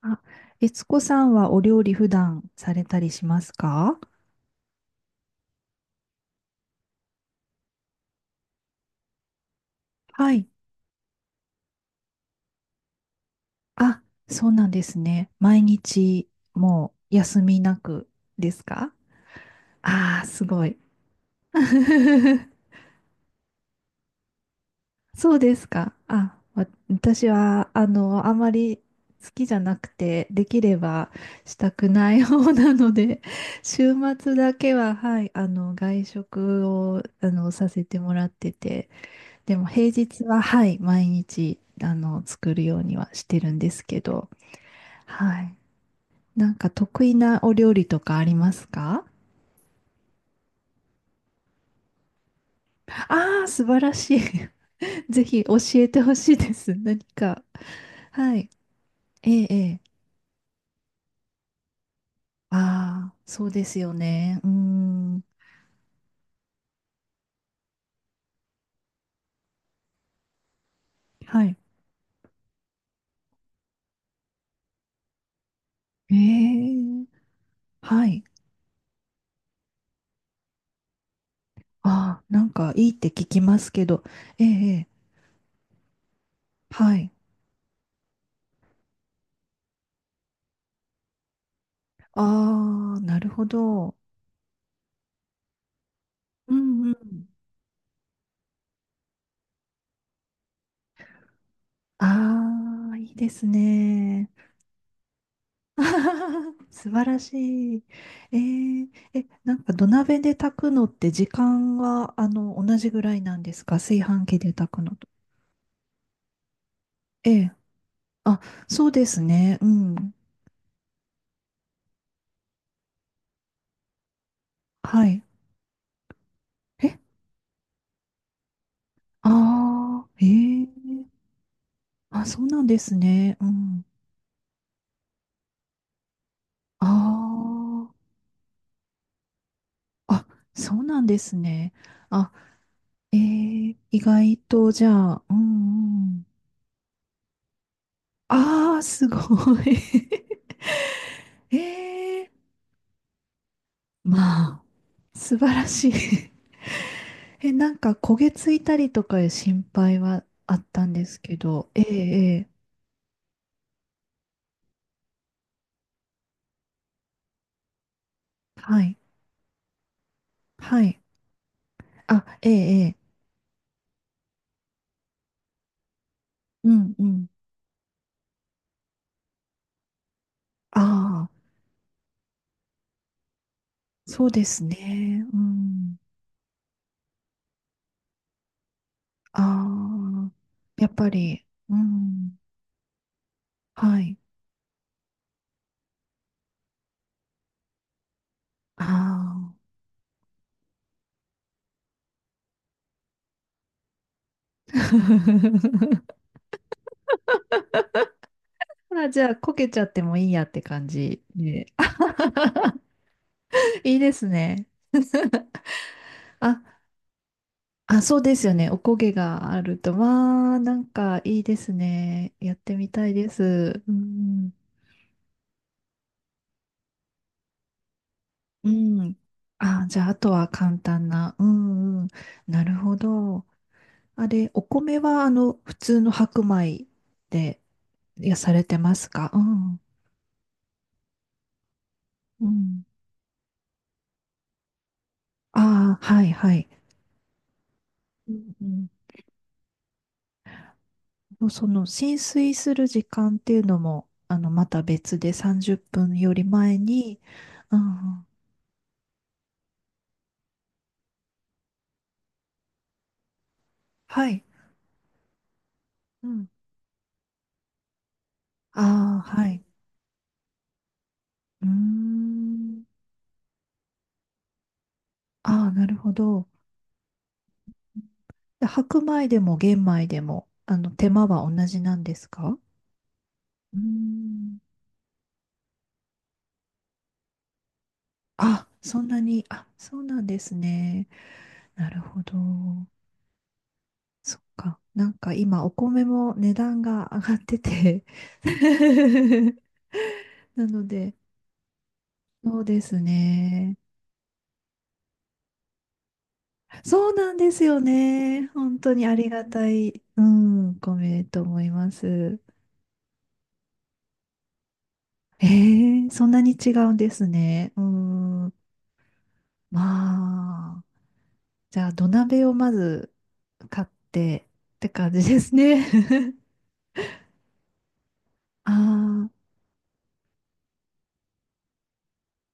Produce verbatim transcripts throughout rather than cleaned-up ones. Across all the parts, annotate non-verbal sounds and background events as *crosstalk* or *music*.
あ、悦子さんはお料理普段されたりしますか？はい。あ、そうなんですね。毎日もう休みなくですか？ああー、すごい。*laughs* そうですか。あ、わ私は、あの、あまり好きじゃなくて、できればしたくない方なので、*laughs* 週末だけは、はい、あの、外食を、あの、させてもらってて、でも平日は、はい、毎日、あの、作るようにはしてるんですけど、はい。なんか得意なお料理とかありますか？ああー、素晴らしい。*laughs* ぜひ教えてほしいです。何か。はい。ええ、ええ。ああ、そうですよね。うーん。はい。ええ、はい。ああ、なんかいいって聞きますけど。ええ、ええ、はい。ああ、なるほど。うんうん。ああ、いいですね。*laughs* 素晴らしい。えー、え、なんか土鍋で炊くのって時間は、あの、同じぐらいなんですか、炊飯器で炊くのと。ええ。あ、そうですね。うん。はい。え、ああ、ええ。あ、そうなんですね。うん。ああ、あ、そうなんですね。あ、ええ、意外と、じゃあ、うん、うん。ああ、すごい。*laughs* ええ、まあ、素晴らしい。 *laughs* え、なんか焦げついたりとかいう心配はあったんですけど、ええ、ええ、はい、はい。あ、ええ、ええ、うん、うん。ああ、そうですね。うん。ああ、やっぱり、うん、はい。ああ。*laughs* あ、じゃあ、こけちゃってもいいやって感じで。*laughs* いいですね。ああ、そうですよね。おこげがあると。わー、なんかいいですね。やってみたいです。うん。うん。あ、じゃあ、あとは簡単な。うんうん。なるほど。あれ、お米は、あの、普通の白米で、いや、されてますか？うん。うん。ああ、はいはい。うん。うん、その、浸水する時間っていうのも、あの、また別でさんじゅっぷんより前に、うんうん。はい。うん。ああ、はい。うーん。ああ、なるほど。で白米でも玄米でも、あの、手間は同じなんですか？うーん。あ、そんなに、あ、そうなんですね。なるほど。そっか。なんか今、お米も値段が上がってて。 *laughs* なので、そうですね。そうなんですよね。本当にありがたい、うん、お米と思います。ええ、そんなに違うんですね。うーん。まあ、じゃあ土鍋をまず買ってって感じですね。*laughs* あ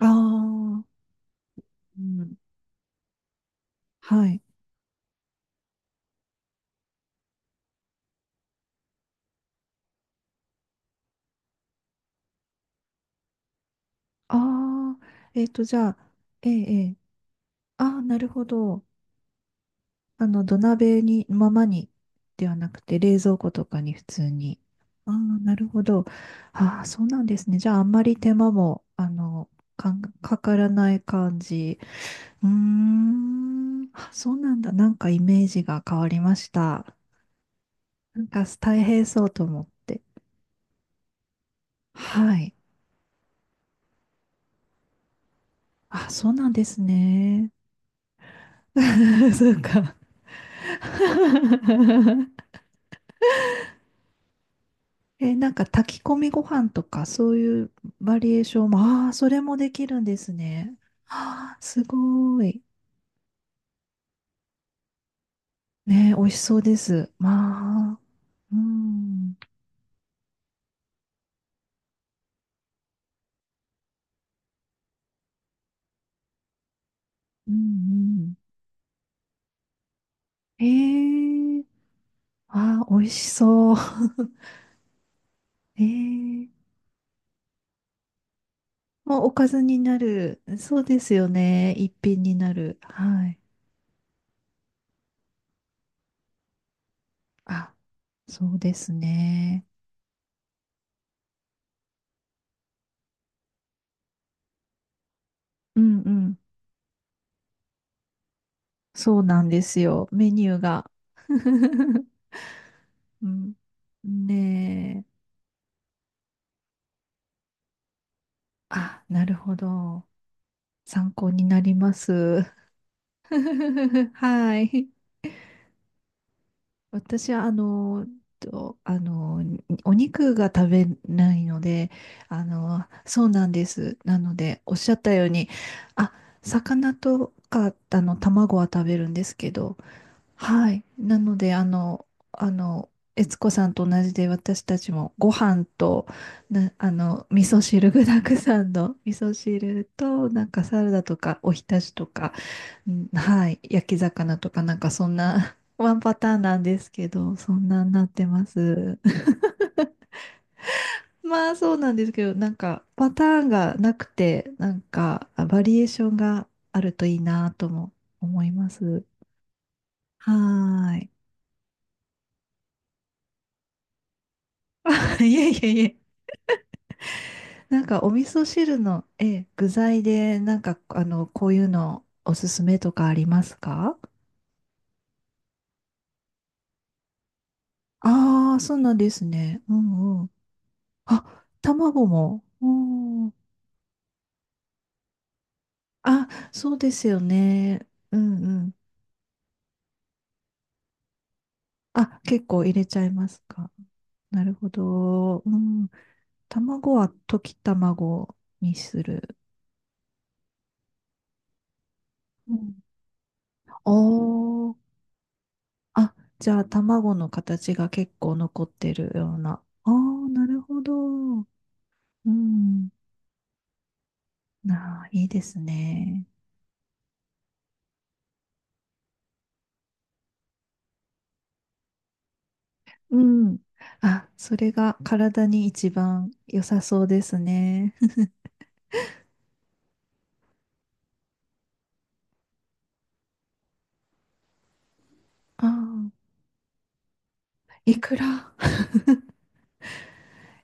あ、ああ、うん。はい。ああ、えっと、じゃあ、ええ、ええ。ああ、なるほど。あの、土鍋に、ままに、ではなくて、冷蔵庫とかに普通に。ああ、なるほど。ああ、そうなんですね。じゃあ、あんまり手間も、あの、かん、かからない感じ。うーん。あ、そうなんだ。なんかイメージが変わりました。なんか大変そうと思って。はい。あ、そうなんですね。*laughs* そうか。*laughs* え、なんか炊き込みご飯とかそういうバリエーションも、ああ、それもできるんですね。ああ、すごい。ね、美味しそうです。まあ、うん、うん、うん。ええ、ああ、美味しそう。ええ、もうおかずになる。そうですよね。一品になる。はい。あ、そうですね。うんうん。そうなんですよ。メニューが。*laughs* うん。ねえ。あ、なるほど。参考になります。*laughs* はい。私はあの、とあの、お肉が食べないので、あの、そうなんです。なので、おっしゃったように、あ、魚とか、あの、卵は食べるんですけど、はい。なので、あの、あの、悦子さんと同じで、私たちもご飯と、な、あの、味噌汁、具だくさんの味噌汁と、なんかサラダとか、おひたしとか、うん、はい。焼き魚とかなんかそんな、 *laughs* ワンパターンなんですけど、そんなんなってます。*laughs* まあそうなんですけど、なんかパターンがなくて、なんかあバリエーションがあるといいなとも思います。はーい。*laughs* いえいえいえ。なんかお味噌汁の、ええ、具材で、なんかあの、こういうのおすすめとかありますか？ああー、そうなんですね。うんうん。あ、卵も。うん。あ、そうですよね。うんうん。あ、結構入れちゃいますか。なるほど。うん。卵は溶き卵にする。うん。おー。あ、じゃあ卵の形が結構残ってるような。ああ、なるほど。うん。なあ、いいですね。うん。あ、それが体に一番良さそうですね。*laughs* ああ、いくら。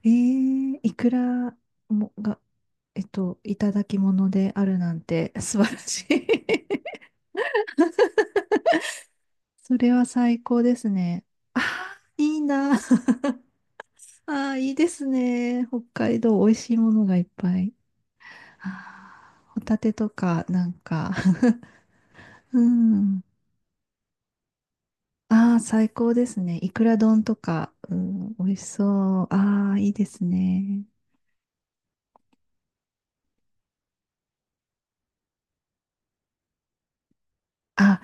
えー、いくらもが、えっと、いただき物であるなんて。 *laughs* 素晴らしい。 *laughs* それは最高ですね。ああ、いいな。*laughs* ああ、いいですね。北海道、美味しいものがいっぱい。あー、ホタテとか、なんか、*laughs* うん。ああ、最高ですね。いくら丼とか、うん、美味しそう。ああ、いいですね。あ、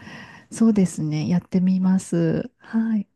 そうですね。やってみます。はい。